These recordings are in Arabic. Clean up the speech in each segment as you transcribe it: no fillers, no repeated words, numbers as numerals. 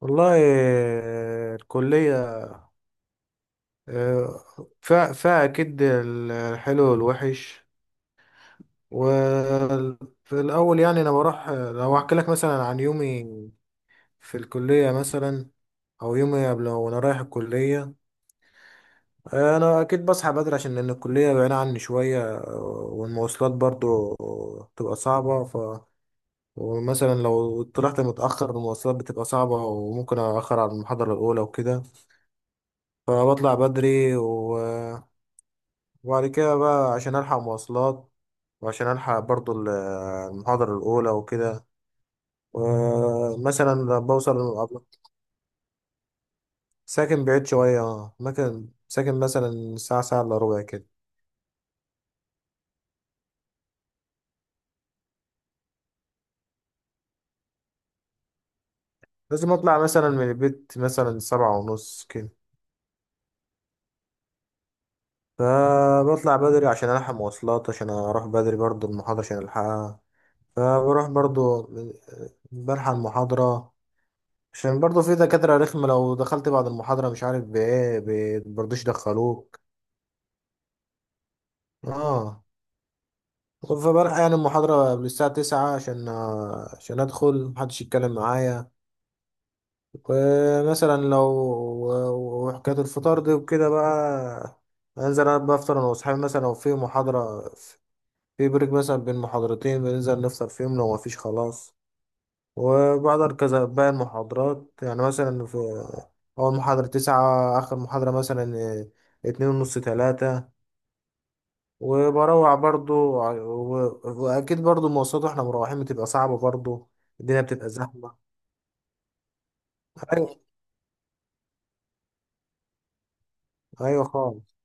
والله، الكلية. آه، فيها أكيد الحلو والوحش. وفي الأول، يعني أنا بروح. لو أحكي لك مثلا عن يومي في الكلية مثلا، أو يومي قبل وأنا رايح الكلية. أنا أكيد بصحى بدري عشان لأن الكلية بعيدة عني شوية. والمواصلات برضو بتبقى صعبة. ومثلا لو طلعت متأخر المواصلات بتبقى صعبة، وممكن أأخر على المحاضرة الأولى وكده. فبطلع بدري وبعد كده بقى عشان ألحق مواصلات، وعشان ألحق برضو المحاضرة الأولى وكده. ومثلا بوصل ساكن بعيد شوية. ممكن ساكن مثلا ساعة، ساعة إلا ربع كده. لازم أطلع مثلا من البيت مثلا 7:30 كده. فبطلع بدري عشان ألحق مواصلات، عشان أروح بدري برضو المحاضرة عشان ألحقها. فبروح برضو، بلحق المحاضرة، عشان برضو في دكاترة رخمة، لو دخلت بعد المحاضرة مش عارف بإيه برضوش يدخلوك. اه. فبلحق يعني المحاضرة قبل الساعة 9، عشان أدخل محدش يتكلم معايا. ومثلا وحكاية الفطار دي وكده بقى، أنزل أنا بفطر، أنا وأصحابي، مثلا لو في محاضرة، في بريك مثلا بين محاضرتين بننزل نفطر فيهم. لو مفيش خلاص. وبحضر كذا باقي المحاضرات يعني. مثلا في أول محاضرة 9، آخر محاضرة مثلا 2:30 3. وبروح برضو، واكيد برضو المواصلات واحنا مروحين بتبقى صعبة برضو. الدنيا بتبقى زحمة. ايوه. ايوه خالص.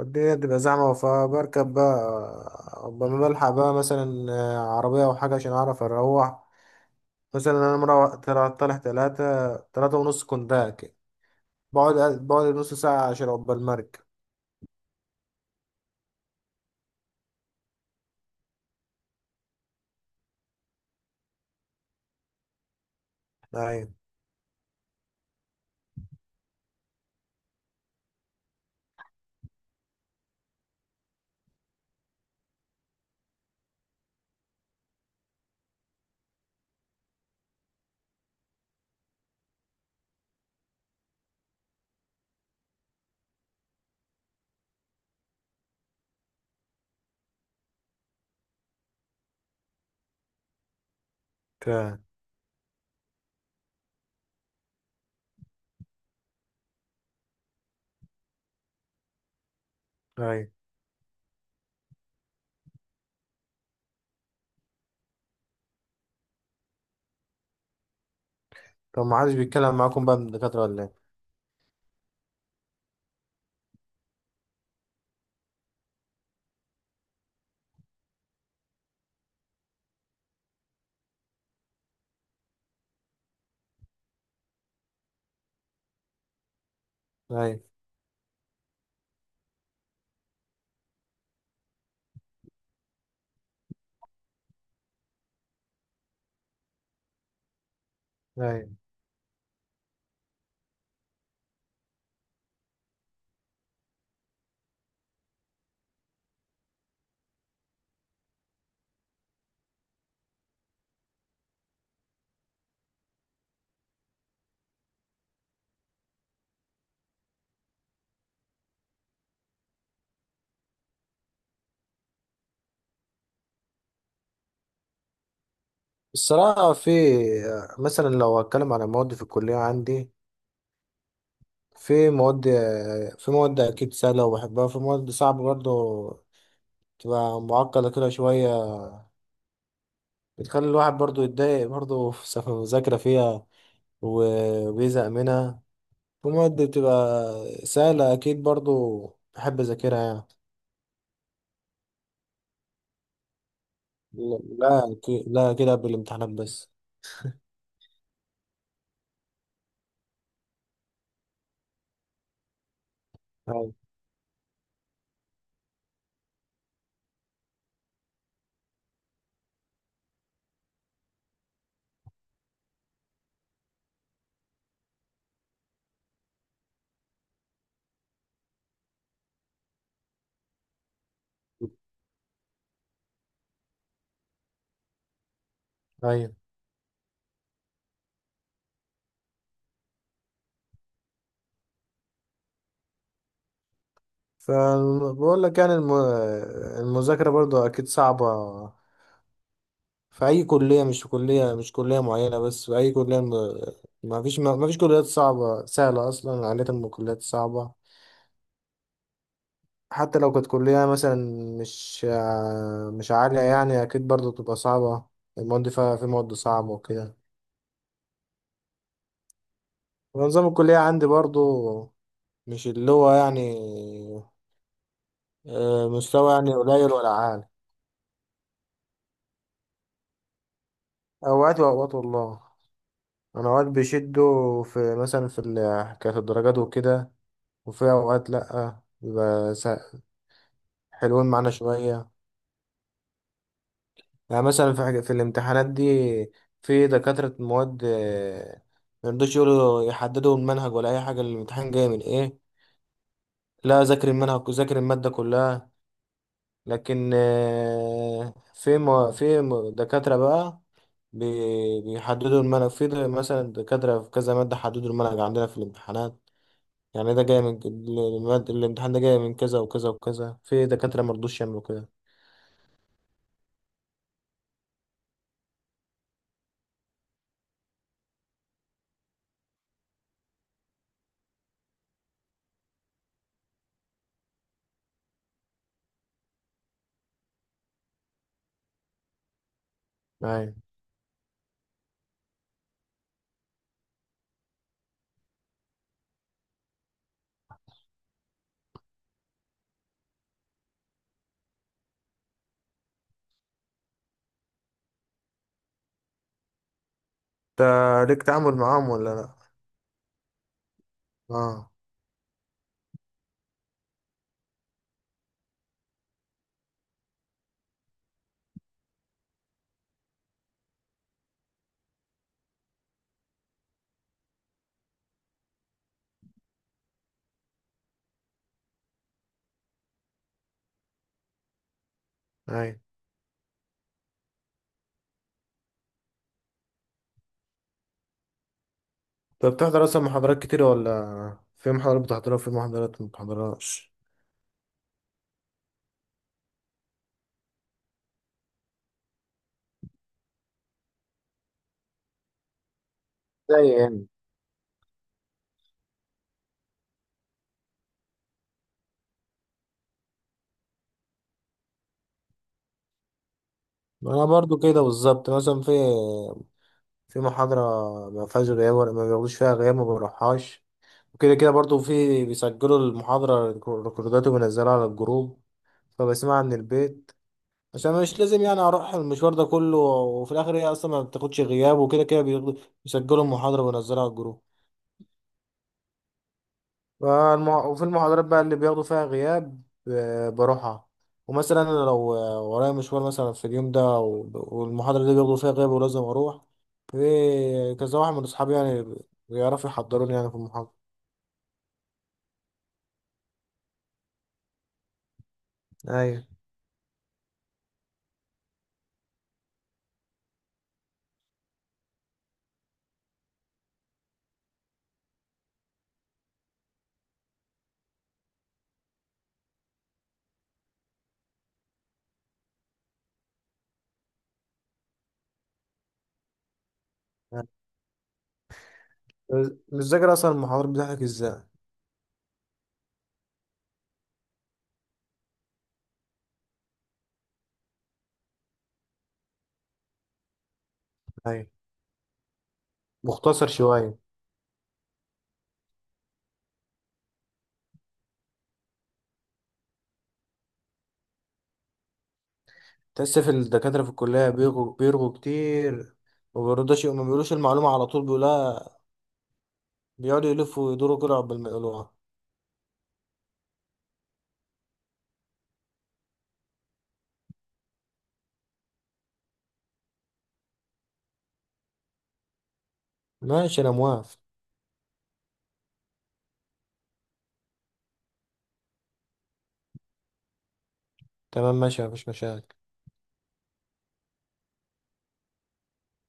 الدنيا بتبقى زحمة. فبركب بقى لما بلحق بقى مثلا عربية او حاجة عشان اعرف اروح. مثلا انا مروح طالع تلاتة تلاتة ونص كنت كده. بقعد بقعد نص ساعة عشان عقبال المركب. ايوه. ك- ايوه. طب ما حدش بيتكلم معاكم بقى من الدكاترة ولا ايه؟ ايوه. ايوه. الصراحة، في، مثلا لو هتكلم على مواد في الكلية عندي، في مواد في مواد أكيد سهلة وبحبها، في مواد صعبة برضه، تبقى معقدة كده شوية، بتخلي الواحد برضه يتضايق برضه في المذاكرة فيها، وبيزهق منها. في مواد بتبقى سهلة أكيد برضه بحب أذاكرها يعني. لا، لا، كده قبل الامتحانات بس. أيوة. أيوة. فبقول لك يعني المذاكرة برضه أكيد صعبة في أي كلية، مش في كلية، مش كلية معينة، بس في أي كلية، ما فيش كليات صعبة سهلة أصلا، عادة الكليات صعبة. حتى لو كانت كلية مثلا مش عالية يعني، أكيد برضه بتبقى صعبة، المواد فيها في مواد صعبة وكده. ونظام الكلية عندي برضه مش اللي هو يعني، مستوى يعني قليل ولا عالي. أوقات وأوقات والله. أنا أوقات بيشدوا في، مثلا في حكاية الدرجات وكده، وفي أوقات لأ، بيبقى سهل، حلوين معانا شوية. يعني مثلا في حاجة في الامتحانات دي، في دكاترة مواد ميرضوش يقولوا، يحددوا المنهج ولا أي حاجة الامتحان جاي من إيه. لا، ذاكر المنهج، ذاكر المادة كلها. لكن، دكاترة بقى بيحددوا المنهج في مثلا دكاترة في كذا مادة حددوا المنهج عندنا في الامتحانات. يعني ده جاي من المادة. الامتحان ده جاي من كذا وكذا وكذا. في دكاترة مرضوش يعملوا كده. أيوة. انت ليك تعامل معاهم ولا لأ؟ اه. اي. طب بتحضر اصلا محاضرات كتير، ولا في محاضرات بتحضرها وفي محاضرات ما بتحضرهاش؟ زي يعني. انا برضو كده بالظبط. مثلا في محاضره ما فيهاش غياب، ولا ما بياخدوش فيها غياب، ما بروحهاش. وكده كده برضو في بيسجلوا المحاضره ريكوردات، وبينزلوها على الجروب. فبسمعها من البيت عشان مش لازم يعني اروح المشوار ده كله، وفي الاخر هي اصلا ما بتاخدش غياب. وكده كده بيسجلوا المحاضره وينزلوها على الجروب. وفي المحاضرات بقى اللي بياخدوا فيها غياب، بروحها. ومثلا انا لو ورايا مشوار مثلا في اليوم ده والمحاضرة دي بياخدوا فيها غياب ولازم اروح، في كذا واحد من اصحابي يعني بيعرفوا يحضروني يعني في المحاضرة. ايوه. مش ذاكر اصلا المحاضرات بتاعتك ازاي؟ ايوه. مختصر شوية. تحس في الدكاترة في الكلية بيرغوا بيرغوا كتير، ومبيرضوش، ما بيقولوش المعلومة على طول، بيقولها بيقعدوا يلفوا ويدوروا كده قبل ما يقولوها. ماشي، انا موافق. تمام، ماشي، مفيش مشاكل.